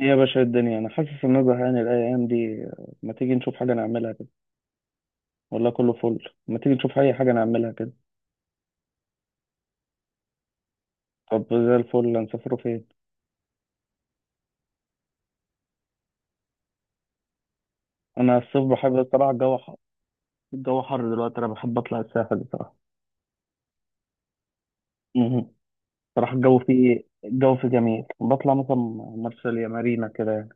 إيه يا باشا، الدنيا انا حاسس ان انا زهقان الايام دي، ما تيجي نشوف حاجه نعملها كده؟ والله كله فل، ما تيجي نشوف اي حاجه نعملها كده؟ طب زي الفل، هنسافروا فين؟ انا الصيف بحب الصراحه، الجو حر. الجو حر دلوقتي، انا بحب اطلع الساحل بصراحه. مهم. صراحه الجو فيه جميل، بطلع مثلا مرسى مارينا كده يعني.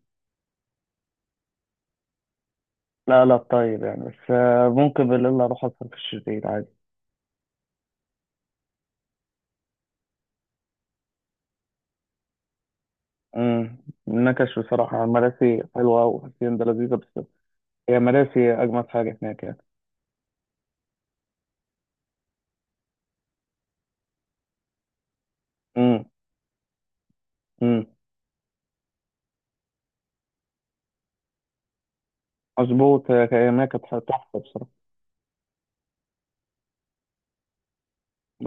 لا لا، طيب يعني، بس ممكن بالليل اروح اسهر في الشتيل عادي. امم نكش بصراحه، مراسي حلوه وحسين ده لذيذه، بس هي مراسي اجمد حاجه هناك يعني. امم مظبوط، هي كانت تحفة بصراحة.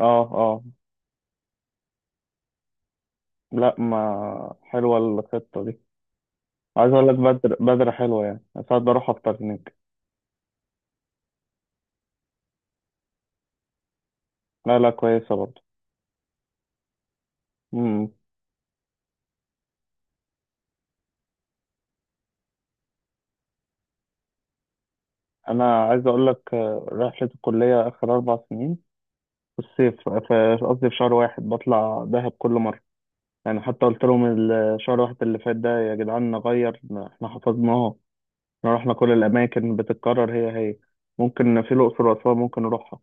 اه اه. لا، ما حلوة الخطة دي. عايز اقول لك بدر، بدر حلوة يعني، ساعات بروح افطر هناك. لا لا، كويسة برضه. امم انا عايز اقول لك، رحلة الكلية اخر 4 سنين في الصيف، قصدي في شهر واحد بطلع دهب كل مرة، يعني حتى قلت لهم الشهر واحد اللي فات ده يا جدعان نغير، احنا حفظناها. احنا رحنا كل الاماكن بتتكرر هي هي. ممكن في الاقصر واسوان ممكن نروح.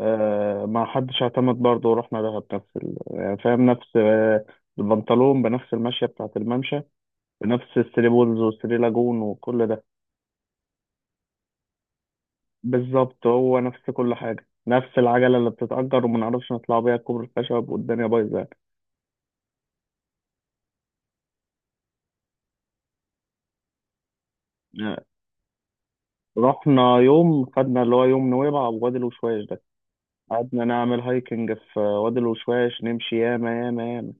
ما حدش اعتمد برضه، ورحنا دهب نفس يعني فاهم، نفس البنطلون، بنفس المشية بتاعة الممشى، بنفس الثري بولز والثري لاجون وكل ده. بالظبط، هو نفس كل حاجة، نفس العجلة اللي بتتأجر وما نعرفش نطلع بيها كوبري الخشب، والدنيا بايظة يعني. آه، رحنا يوم، خدنا اللي هو يوم نويبع ووادي الوشواش ده، قعدنا نعمل هايكنج في وادي الوشواش، نمشي ياما ياما ياما.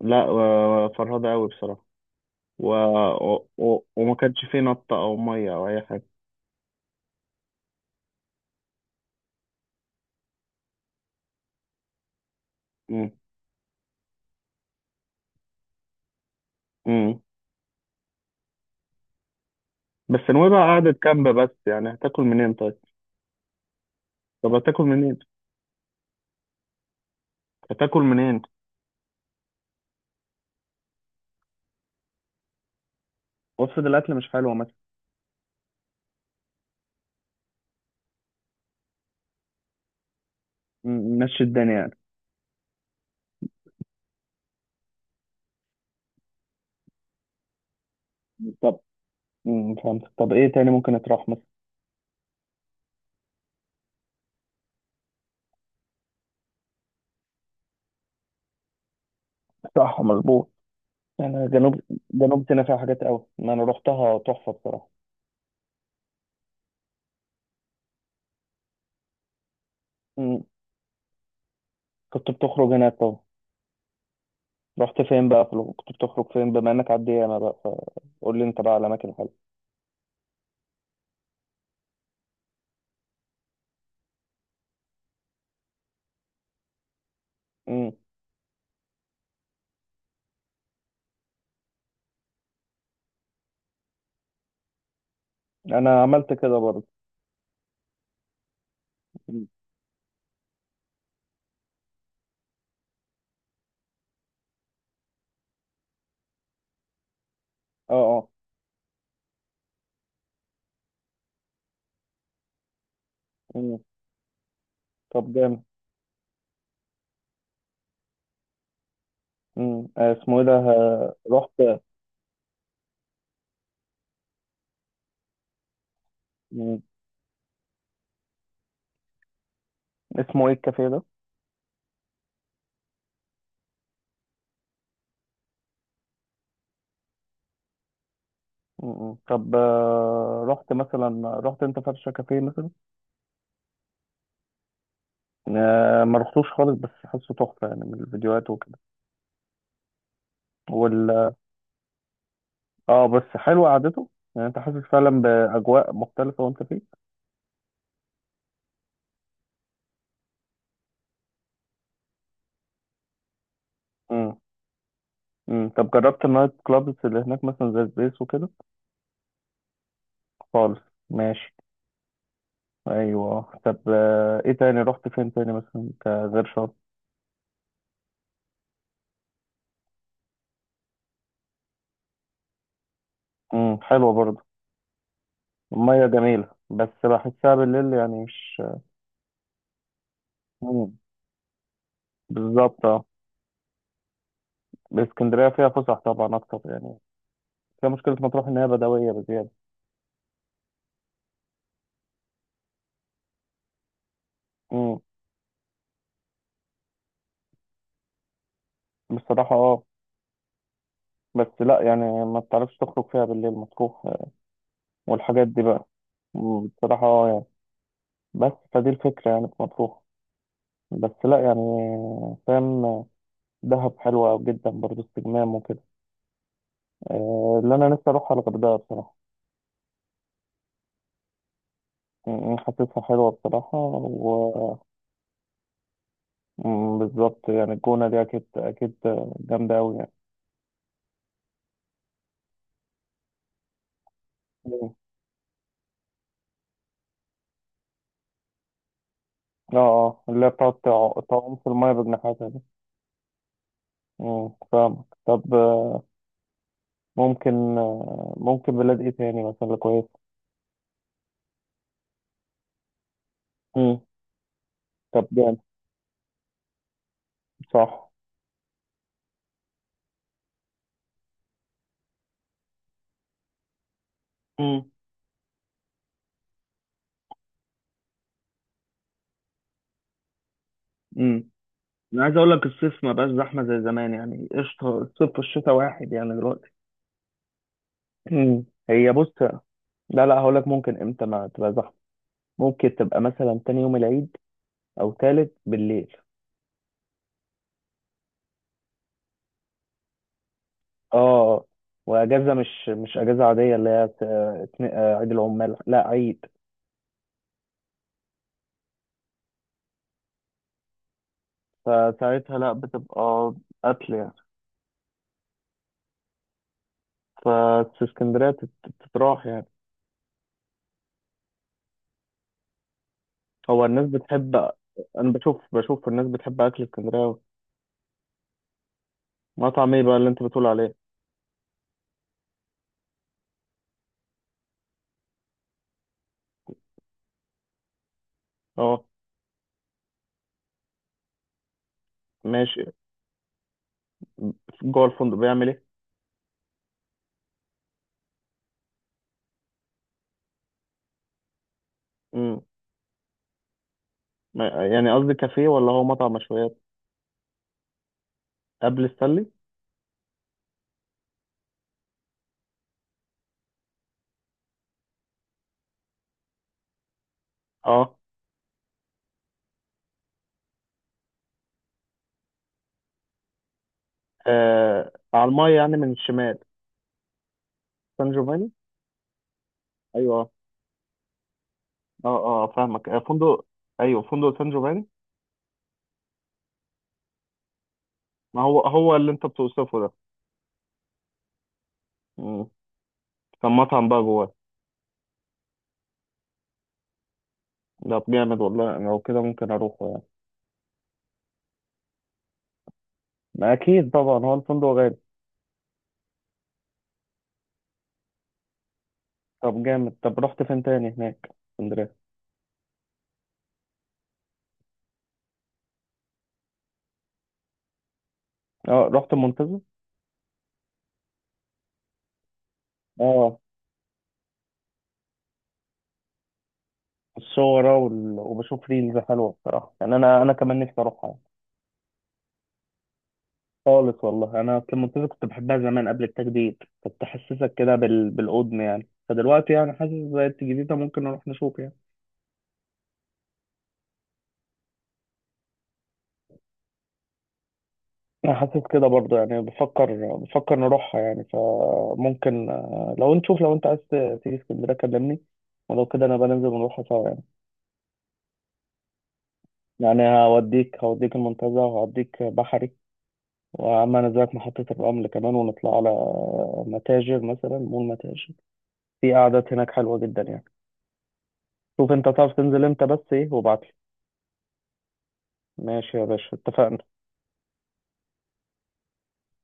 لا فرهدة أوي بصراحة. و... وما كانش فيه نطة أو مية أو أي حاجة. امم بس نويبع قعدت كامبة، بس يعني هتاكل منين طيب؟ طب هتاكل منين؟ هتاكل منين؟ وافرض الاكل مش حلو مثلا؟ مشي الدنيا يعني. طب فهمت، طب ايه تاني ممكن يتروح مثلا؟ صح، مظبوط. يعني جنوب، جنوب سيناء فيها حاجات قوي، ما انا روحتها تحفة بصراحة. امم كنت بتخرج هناك طبعا. رحت فين بقى؟ كنت بتخرج فين بما انك على الديانة بقى؟ فقول لي انت بقى على اماكن حلوة. امم انا عملت كده برضه. مم. اه اه. مم. طب جامد. مم. اسمه ايه ده؟ رحت. مم. اسمه ايه الكافيه ده؟ م- م. طب رحت مثلا، رحت انت فرشة كافيه مثلا؟ ما رحتوش خالص، بس حاسه تحفة يعني من الفيديوهات وكده. وال اه بس حلو قعدته، يعني انت حاسس فعلا بأجواء مختلفة وانت فيه. امم طب جربت النايت كلابز اللي هناك مثلا زي سبيس وكده؟ خالص. ماشي. ايوه، طب ايه تاني رحت فين تاني مثلا كغير شرم؟ حلوة برضه. المية جميلة، بس بحسها بالليل يعني مش. مم. بالظبط، اه. اسكندريه فيها فسح طبعا اكتر يعني. فيها مشكله مطروح، ان هي بدويه بزياده. امم بصراحه، اه. بس لا يعني، ما بتعرفش تخرج فيها بالليل مطروح، والحاجات دي بقى. بصراحه اه يعني، بس فدي الفكره يعني في مطروح. بس لا يعني. فاهم. دهب حلوه جدا برضه، استجمام وكده. اللي انا نفسي اروحها الغردقه بصراحه. حاسسها حلوه بصراحه. وبالظبط، يعني الجونه دي اكيد اكيد جامده قوي يعني. مم. اه اه، اللي هي بتقعد تعوم في المايه بجناحاتها. مم. فاهمك، طب ممكن بلاد ايه تاني مثلا اللي كويس؟ مم. طب جامد. صح. امم امم انا عايز اقول لك، الصيف ما بقاش زحمه زي زمان يعني، قشطه، الصيف والشتاء واحد يعني دلوقتي. مم. هي بص، لا لا، هقول لك ممكن امتى ما تبقى زحمه. ممكن تبقى مثلا تاني يوم العيد، او تالت بالليل. اه. واجازه، مش اجازه عاديه، اللي هي عيد العمال، لا عيد. فساعتها لا بتبقى قتل يعني، ففي اسكندرية تتراح يعني. هو الناس بتحب، أنا بشوف الناس بتحب أكل اسكندرية أوي. مطعم إيه بقى اللي أنت بتقول عليه؟ أه. ماشي. جوه الفندق بيعمل إيه؟ مم. يعني قصدي، كافيه ولا هو مطعم مشويات؟ قبل السلي؟ أه، على المايه يعني من الشمال. سان جوفاني؟ أيوه. أه أه، فاهمك، فندق. أيوه، فندق سان جوفاني. ما هو هو اللي أنت بتوصفه ده. مم. كان مطعم بقى جواه. ده جامد والله، لو كده ممكن أروحه يعني. ما أكيد طبعا، هو الفندق غالي. طب جامد، طب رحت فين تاني هناك في اسكندرية؟ اه، رحت المنتزه. اه الصورة وبشوف ريلز حلوة بصراحة يعني، أنا كمان نفسي أروحها يعني. خالص والله، أنا أصل المنتزه كنت بحبها زمان قبل التجديد، كنت تحسسك كده بالقدم يعني، فدلوقتي يعني حاسس زي الجديدة، ممكن نروح نشوف يعني. أنا حاسس كده برضه يعني، بفكر نروحها يعني، فممكن لو نشوف، لو أنت عايز تيجي اسكندرية كلمني، ولو كده أنا بنزل ونروحها سوا يعني. يعني هوديك المنتزه، وهوديك بحري، وعملنا دلوقتي محطة الرمل كمان، ونطلع على متاجر مثلا، مول متاجر. في قعدات هناك حلوة جدا يعني. شوف انت تعرف تنزل امتى، بس ايه وابعتلي. ماشي يا باشا، اتفقنا.